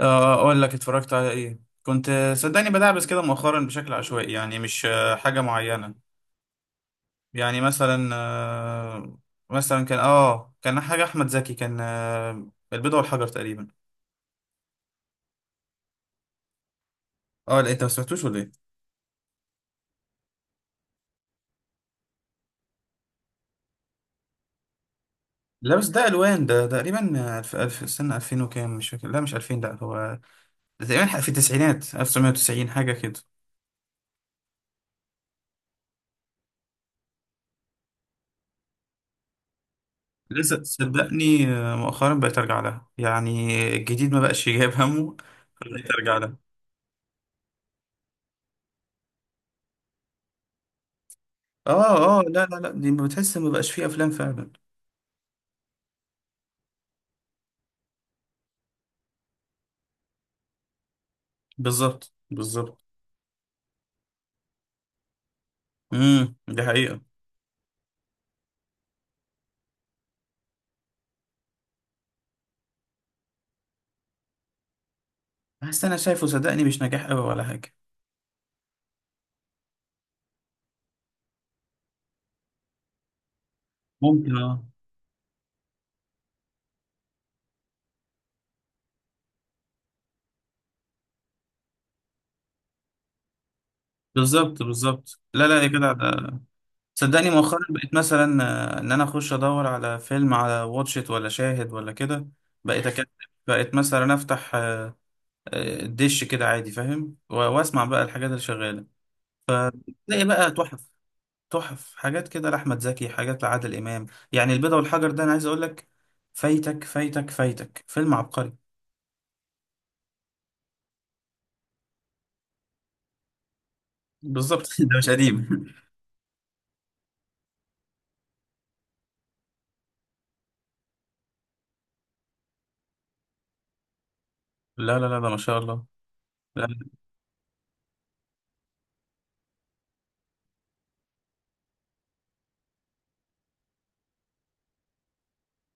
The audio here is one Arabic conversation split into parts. اقول لك اتفرجت على ايه. كنت صدقني بدعبس كده مؤخرا بشكل عشوائي، يعني مش حاجه معينه. يعني مثلا كان حاجه، احمد زكي كان البيضه والحجر تقريبا. اه لا، انت ما سمعتوش ولا ايه؟ لا بس ده الوان، ده تقريبا الف سنه 2000 وكام، مش فاكر. لا مش 2000، لا هو ده تقريبا في التسعينات، 1990 حاجه كده. لسه صدقني مؤخرا بقيت ارجع لها، يعني الجديد ما بقاش جايب همه. بقيت ارجع لها. اه اه، لا لا لا، دي بتحس ما بقاش فيه افلام فعلا. بالظبط بالظبط. دي حقيقه. بس انا شايفه صدقني مش نجاح قوي ولا حاجه. ممكن، اه. بالظبط بالظبط، لا لا يا جدع ده. صدقني مؤخرا بقيت مثلا، ان انا اخش ادور على فيلم على واتشيت ولا شاهد ولا كده. بقيت اكتب. بقيت مثلا افتح الدش كده عادي فاهم، واسمع بقى الحاجات اللي شغاله. تلاقي بقى تحف، تحف حاجات كده لأحمد زكي، حاجات لعادل إمام. يعني البيضة والحجر، ده أنا عايز أقول لك، فايتك فايتك فايتك، فيلم عبقري. بالظبط. ده مش قديم. لا لا لا، ده ما شاء الله. لا.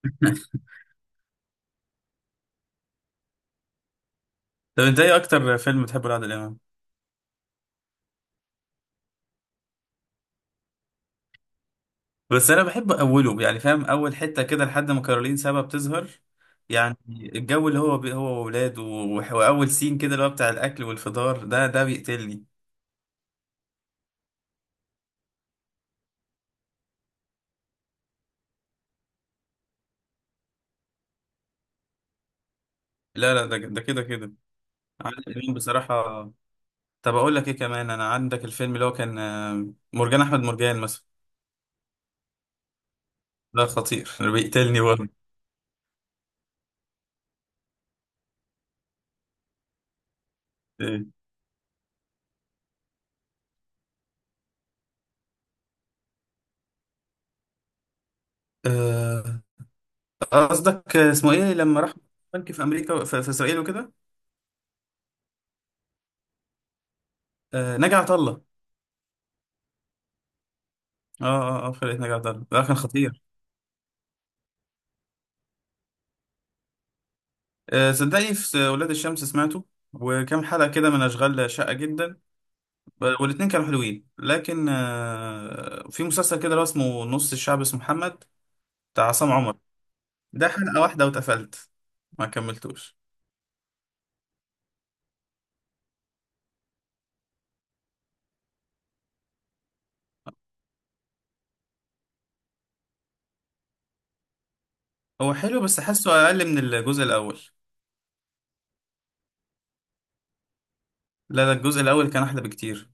طب أنت إيه أكتر فيلم بتحبه لعادل إمام؟ بس أنا بحب أوله، يعني فاهم، أول حتة كده لحد ما كارولين سابا بتظهر. يعني الجو اللي هو هو وولاده، وأول سين كده اللي هو بتاع الأكل والفطار، ده بيقتلني. لا لا، ده ده كده كده. عادل إمام بصراحة. طب اقول لك ايه كمان، انا عندك الفيلم اللي هو كان مرجان احمد مرجان مثلا. ده خطير. بيقتلني برضه. إيه. آه، قصدك اسمه ايه لما راح بنك في امريكا، في اسرائيل وكده. نجع عطا الله. اه اه اه، فرقة نجع عطا الله، ده كان خطير. صدقني في ولاد الشمس سمعته، وكام حلقة كده من أشغال شاقة جدا. والاتنين كانوا حلوين، لكن في مسلسل كده اللي هو اسمه نص الشعب، اسمه محمد، بتاع عصام عمر. ده حلقة واحدة واتقفلت، ما كملتوش. هو حلو بس حاسه اقل من الجزء الاول. لا لا، الجزء الاول كان احلى بكتير.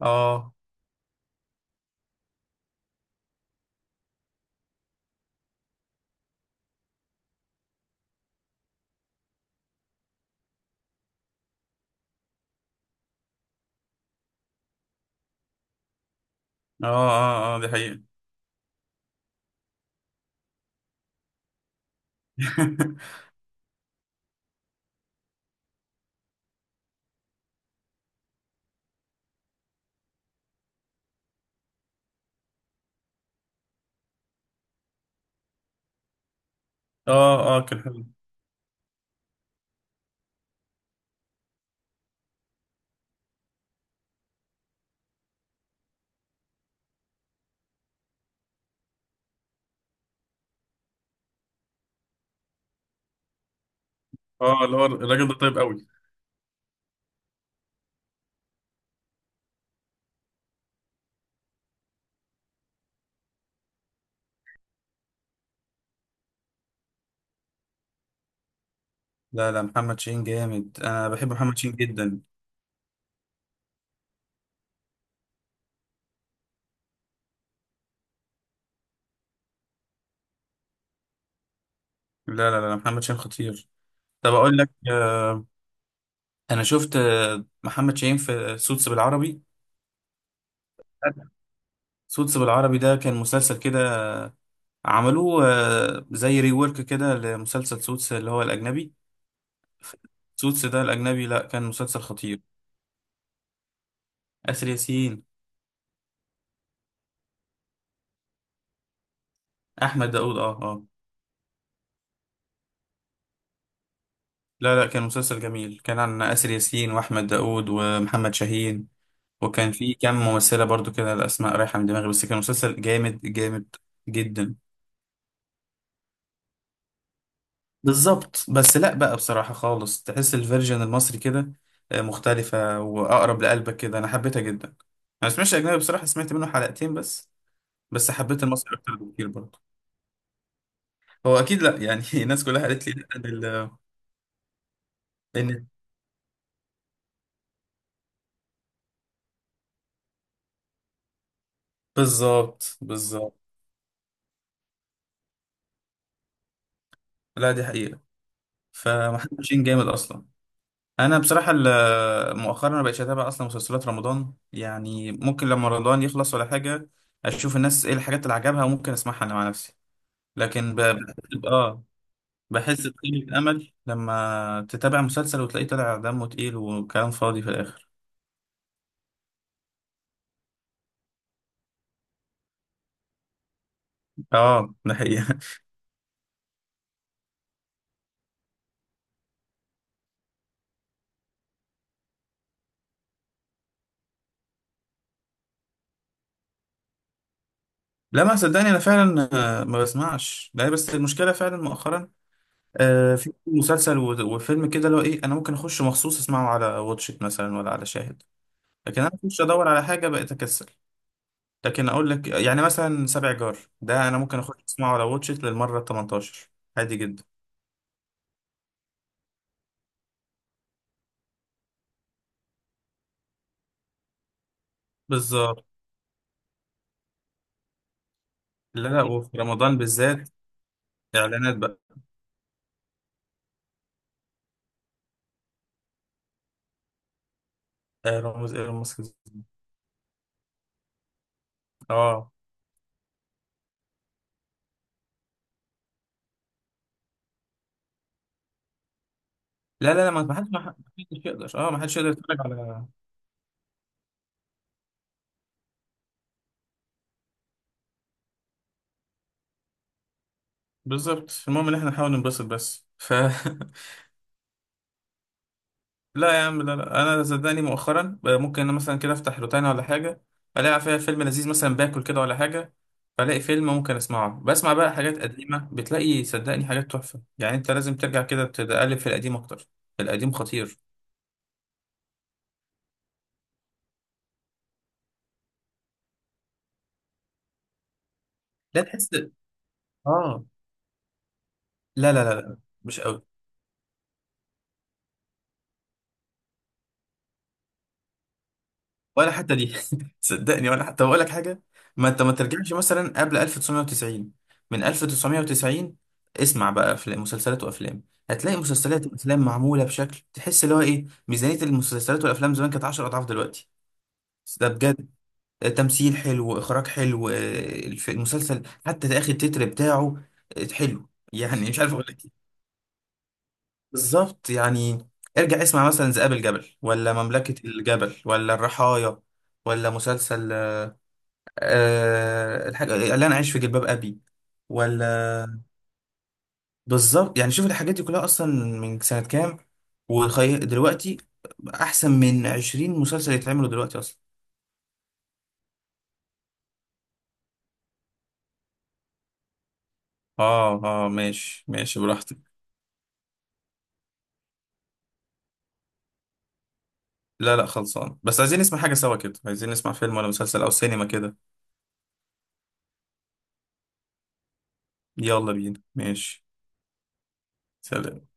اه اه اه اه، دي حقيقة. اه اه، كان حلو. اه، اللي هو الراجل ده طيب قوي. لا لا، محمد شاهين جامد، انا بحب محمد شاهين جدا. لا لا لا، محمد شاهين خطير. طب اقول لك، انا شفت محمد شاهين في سوتس بالعربي. سوتس بالعربي ده كان مسلسل كده، عملوه زي ريورك كده لمسلسل سوتس اللي هو الأجنبي. سوتس ده الأجنبي، لا كان مسلسل خطير. آسر ياسين. أحمد داوود، أه أه. لا لا، كان مسلسل جميل كان عن آسر ياسين وأحمد داوود ومحمد شاهين، وكان في كام ممثلة برضو كده، الأسماء رايحة من دماغي، بس كان مسلسل جامد جامد جدا. بالظبط، بس لا بقى بصراحة خالص تحس الفيرجن المصري كده مختلفة وأقرب لقلبك كده، أنا حبيتها جدا أنا. ما سمعتش أجنبي بصراحة، سمعت منه حلقتين بس. بس حبيت المصري أكتر بكتير برضه. هو أكيد لا يعني. الناس كلها قالت لي لا، إن- بالظبط بالظبط. لا دي حقيقة. فمحدش جامد اصلا. انا بصراحه مؤخرا ما بقتش اتابع اصلا مسلسلات رمضان، يعني ممكن لما رمضان يخلص ولا حاجه، اشوف الناس ايه الحاجات اللي عجبها، وممكن اسمعها انا مع نفسي. لكن اه، بحس بقيمه امل لما تتابع مسلسل وتلاقيه طلع دمه تقيل وكلام فاضي في الاخر. اه ده حقيقه. لا، ما صدقني انا فعلا ما بسمعش. لا بس المشكله فعلا مؤخرا في مسلسل وفيلم كده اللي هو ايه، انا ممكن اخش مخصوص اسمعه على واتشت مثلا ولا على شاهد. لكن انا اخش ادور على حاجه بقيت اكسل. لكن اقول لك يعني مثلا سبع جار ده انا ممكن اخش اسمعه على واتشت للمره 18. عادي جدا. بالظبط. لا لا، وفي رمضان بالذات اعلانات بقى. آه، رمز ايلون ماسك. اه، لا لا لا، ما حدش، ما حدش يقدر، ما حدش يقدر يتفرج على. بالظبط، المهم ان احنا نحاول ننبسط بس لا يا عم، لا لا، انا صدقني مؤخرا بقى ممكن انا مثلا كده افتح روتانا ولا حاجه، الاقي فيها فيلم لذيذ مثلا باكل كده ولا حاجه، فالاقي فيلم ممكن اسمعه. بسمع بقى حاجات قديمه، بتلاقي صدقني حاجات تحفه، يعني انت لازم ترجع كده تقلب في القديم اكتر. القديم خطير. لا تحس. اه. لا لا لا لا، مش قوي. ولا حتى دي. صدقني ولا حتى بقول لك حاجه، ما انت ما ترجعش مثلا قبل 1990، من 1990 اسمع بقى افلام، مسلسلات وافلام، هتلاقي مسلسلات وافلام معموله بشكل تحس اللي هو ايه، ميزانيه المسلسلات والافلام زمان كانت 10 اضعاف دلوقتي. ده بجد. تمثيل حلو، اخراج حلو، المسلسل حتى اخر التتر بتاعه حلو، يعني مش عارف اقول لك إيه. بالظبط يعني. ارجع اسمع مثلا ذئاب الجبل، ولا مملكه الجبل، ولا الرحايا، ولا مسلسل الحاجة اللي انا عايش في جلباب ابي، ولا بالظبط يعني. شوف الحاجات دي كلها اصلا من سنة كام، دلوقتي احسن من 20 مسلسل يتعملوا دلوقتي اصلا. اه اه ماشي ماشي براحتك. لا لا خلصان، بس عايزين نسمع حاجة سوا كده، عايزين نسمع فيلم ولا مسلسل او سينما كده. يلا بينا ماشي. سلام.